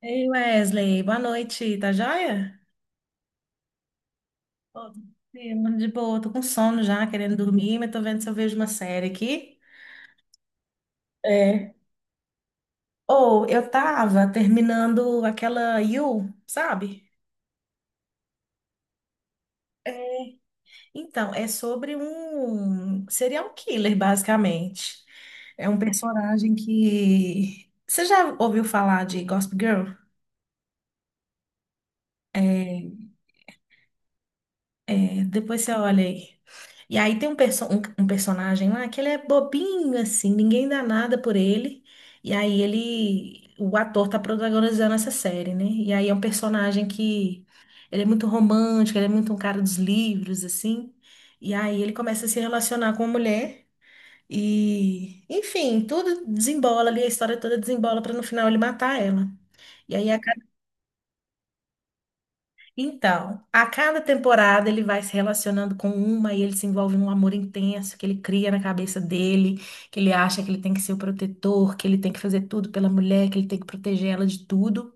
Ei, Wesley, boa noite, tá joia? Ô, sim, mano, de boa, tô com sono já, querendo dormir, mas tô vendo se eu vejo uma série aqui. É. Ou eu tava terminando aquela You, sabe? É, então, é sobre um serial killer, basicamente. É um personagem que. Você já ouviu falar de Gossip Girl? É, é, depois você olha aí. E aí tem um personagem lá que ele é bobinho, assim, ninguém dá nada por ele. E aí o ator tá protagonizando essa série, né? E aí é um personagem que ele é muito romântico, ele é muito um cara dos livros, assim. E aí ele começa a se relacionar com uma mulher. E, enfim, tudo desembola ali, a história toda desembola pra no final ele matar ela. E aí então, a cada temporada ele vai se relacionando com uma e ele se envolve num amor intenso que ele cria na cabeça dele, que ele acha que ele tem que ser o protetor, que ele tem que fazer tudo pela mulher, que ele tem que proteger ela de tudo.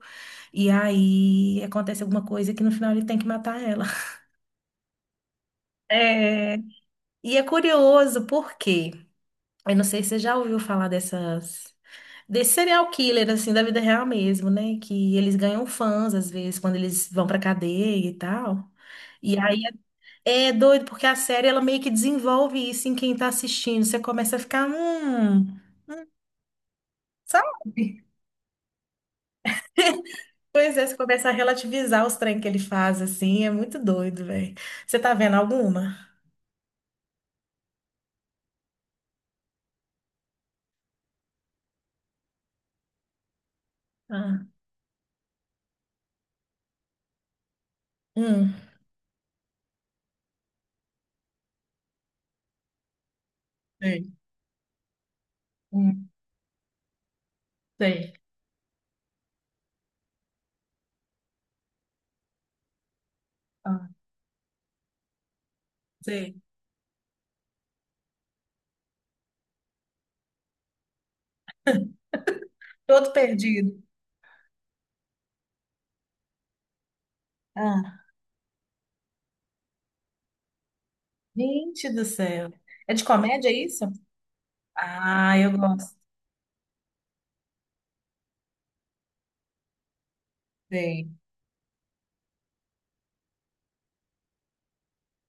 E aí acontece alguma coisa que no final ele tem que matar ela. É, e é curioso porque, eu não sei se você já ouviu falar dessas, desse serial killer, assim, da vida real mesmo, né? Que eles ganham fãs, às vezes, quando eles vão pra cadeia e tal. E aí é doido, porque a série ela meio que desenvolve isso em quem tá assistindo. Você começa a ficar, hum, sabe? Pois é, você começa a relativizar os trem que ele faz, assim, é muito doido, velho. Você tá vendo alguma? Ah, hum, sei, hum, sei. Ah, sei. Todo perdido. Ah, gente do céu. É de comédia, é isso? Ah, eu gosto. Sei.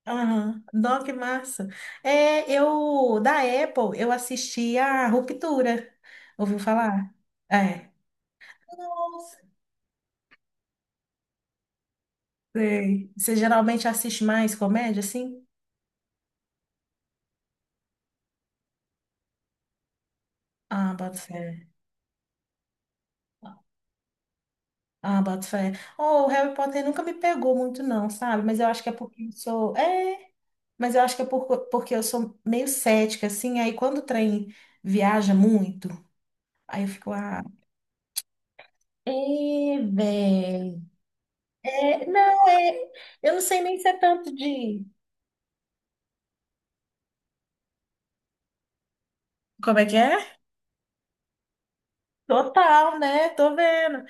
Aham. Nossa, que massa. É, eu, da Apple, eu assisti a Ruptura. Ouviu falar? É. Nossa. Sei. Você geralmente assiste mais comédia, assim? Ah, boto fé. Ah, boto fé. Oh, o Harry Potter nunca me pegou muito, não, sabe? Mas eu acho que é porque eu sou. É, mas eu acho que é porque eu sou meio cética, assim. Aí quando o trem viaja muito, aí eu fico, ah. É, velho. É, não, é. Eu não sei nem se é tanto de. Como é que é? Total, né? Tô vendo.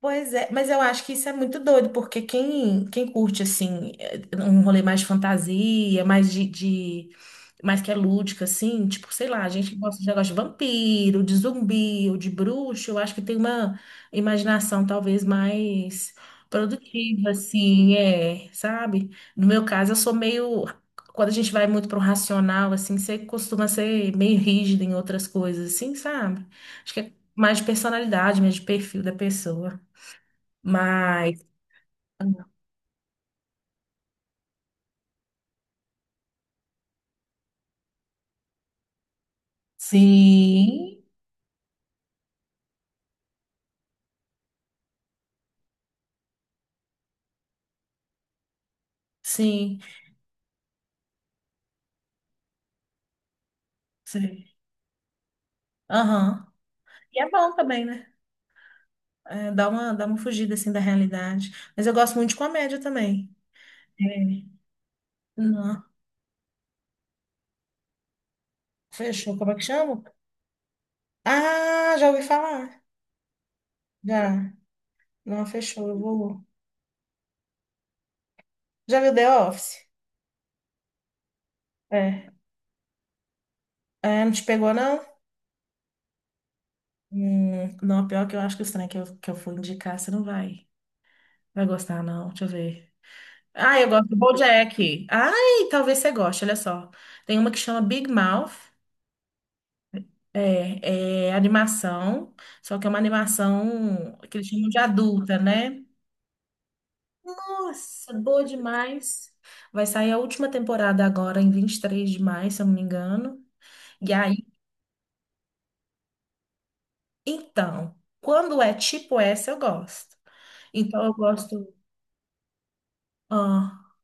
Pois é, mas eu acho que isso é muito doido, porque quem curte, assim, eh, um rolê mais de fantasia, mais de mas que é lúdica, assim, tipo, sei lá, a gente que gosta de negócio de vampiro, de zumbi ou de bruxo, eu acho que tem uma imaginação talvez mais produtiva, assim, é, sabe? No meu caso, eu sou meio. Quando a gente vai muito pro racional, assim, você costuma ser meio rígido em outras coisas, assim, sabe? Acho que é mais de personalidade, mais de perfil da pessoa. Mas, sim, sim, sim. Aham. E é bom também, né? É, dá uma fugida assim da realidade. Mas eu gosto muito de comédia também. É. Não. Fechou. Como é que chama? Ah, já ouvi falar. Já. Não, fechou. Eu vou. Já viu The Office? É. É, não te pegou, não? Não, pior que eu acho que o estranho que eu for indicar, você não vai. Vai gostar, não. Deixa eu ver. Ah, eu gosto do BoJack. Ai, talvez você goste, olha só. Tem uma que chama Big Mouth. É, é animação, só que é uma animação que eles chamam de adulta, né? Nossa, boa demais. Vai sair a última temporada agora, em 23 de maio, se eu não me engano. E aí, então, quando é tipo essa, eu gosto. Então, eu gosto. Ah,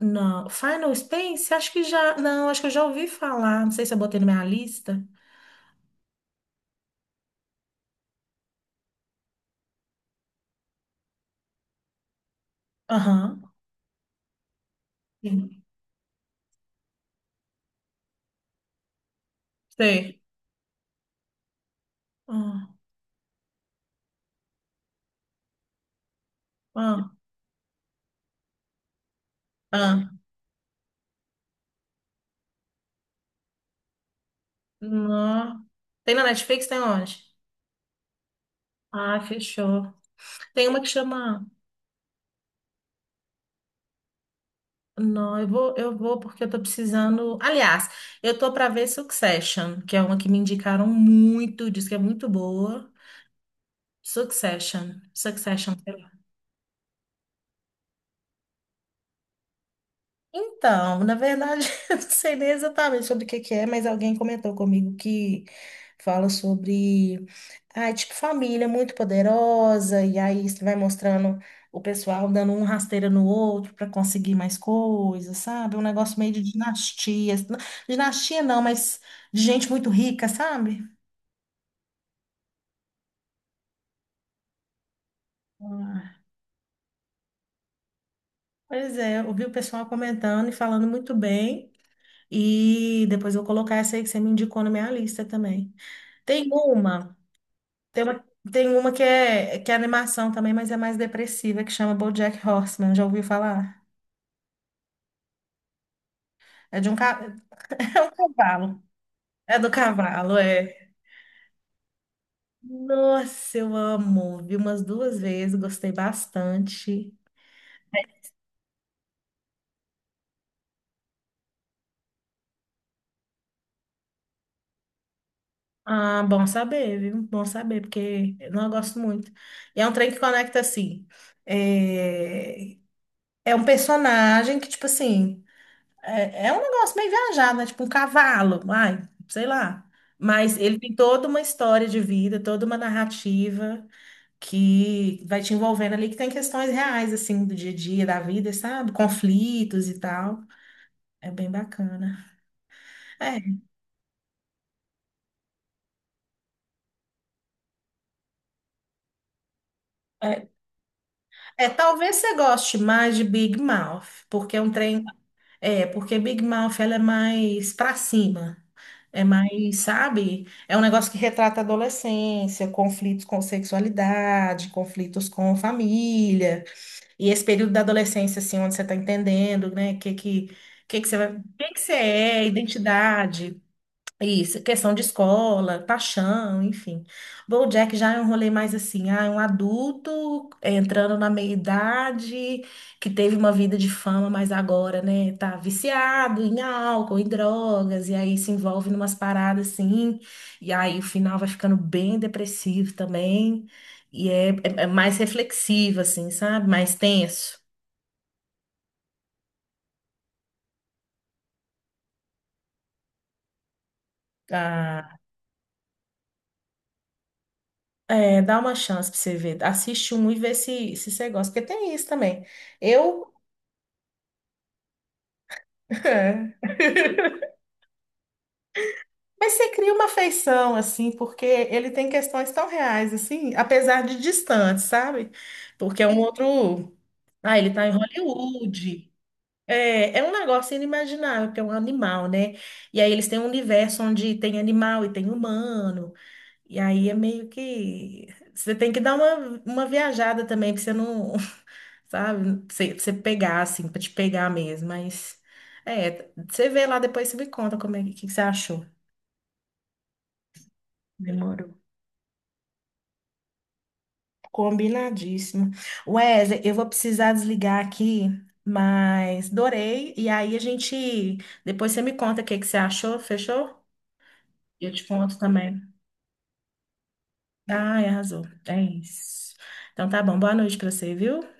não. Final Space? Acho que já. Não, acho que eu já ouvi falar. Não sei se eu botei na minha lista. Aham. Sim. Sei. Ah, ah, ah. Não. Tem na Netflix? Tem onde? Ah, fechou. Tem uma que chama. Não, eu vou porque eu tô precisando. Aliás, eu tô para ver Succession, que é uma que me indicaram muito, diz que é muito boa. Succession, Succession. Então, na verdade, eu não sei nem exatamente sobre o que que é, mas alguém comentou comigo que fala sobre, ah, é tipo, família muito poderosa, e aí isso vai mostrando o pessoal dando um rasteira no outro para conseguir mais coisas, sabe? Um negócio meio de dinastia. Dinastia não, mas de gente muito rica, sabe? Ah, pois é, eu vi o pessoal comentando e falando muito bem, e depois eu vou colocar essa aí que você me indicou na minha lista também. Tem uma. Tem uma, tem uma que é, animação também, mas é mais depressiva, que chama BoJack Horseman. Já ouviu falar? É de é um cavalo. É do cavalo, é. Nossa, eu amo. Vi umas duas vezes, gostei bastante. Ah, bom saber, viu? Bom saber, porque eu não gosto muito. E é um trem que conecta assim. É, é um personagem que, tipo assim. É, é um negócio meio viajado, né? Tipo um cavalo, ai, sei lá. Mas ele tem toda uma história de vida, toda uma narrativa que vai te envolvendo ali, que tem questões reais, assim, do dia a dia, da vida, sabe? Conflitos e tal. É bem bacana. É, é, talvez você goste mais de Big Mouth, porque é um trem. É, porque Big Mouth ela é mais pra cima. É mais, sabe? É um negócio que retrata a adolescência, conflitos com sexualidade, conflitos com família. E esse período da adolescência, assim, onde você está entendendo, né? O que que você vai, o que que você é, identidade. Isso, questão de escola, paixão, enfim. BoJack já é um rolê mais assim, ah, é um adulto entrando na meia-idade, que teve uma vida de fama, mas agora, né, tá viciado em álcool, em drogas, e aí se envolve numas paradas assim, e aí o final vai ficando bem depressivo também, e é mais reflexivo, assim, sabe? Mais tenso. Ah, é, dá uma chance pra você ver. Assiste um e vê se, se você gosta, porque tem isso também. Eu é. Mas você cria uma afeição, assim, porque ele tem questões tão reais, assim, apesar de distante, sabe? Porque é um outro. Ah, ele tá em Hollywood. É, é um negócio inimaginável, porque é um animal, né? E aí eles têm um universo onde tem animal e tem humano. E aí é meio que. Você tem que dar uma viajada também, pra você não. Sabe? Pra você pegar, assim, pra te pegar mesmo. Mas. É, você vê lá depois, você me conta como é que você achou. Demorou. Combinadíssimo. Wesley, eu vou precisar desligar aqui, mas adorei. E aí a gente. Depois você me conta o que que você achou, fechou? Eu te conto também. Ai, arrasou. É isso. Então tá bom. Boa noite pra você, viu?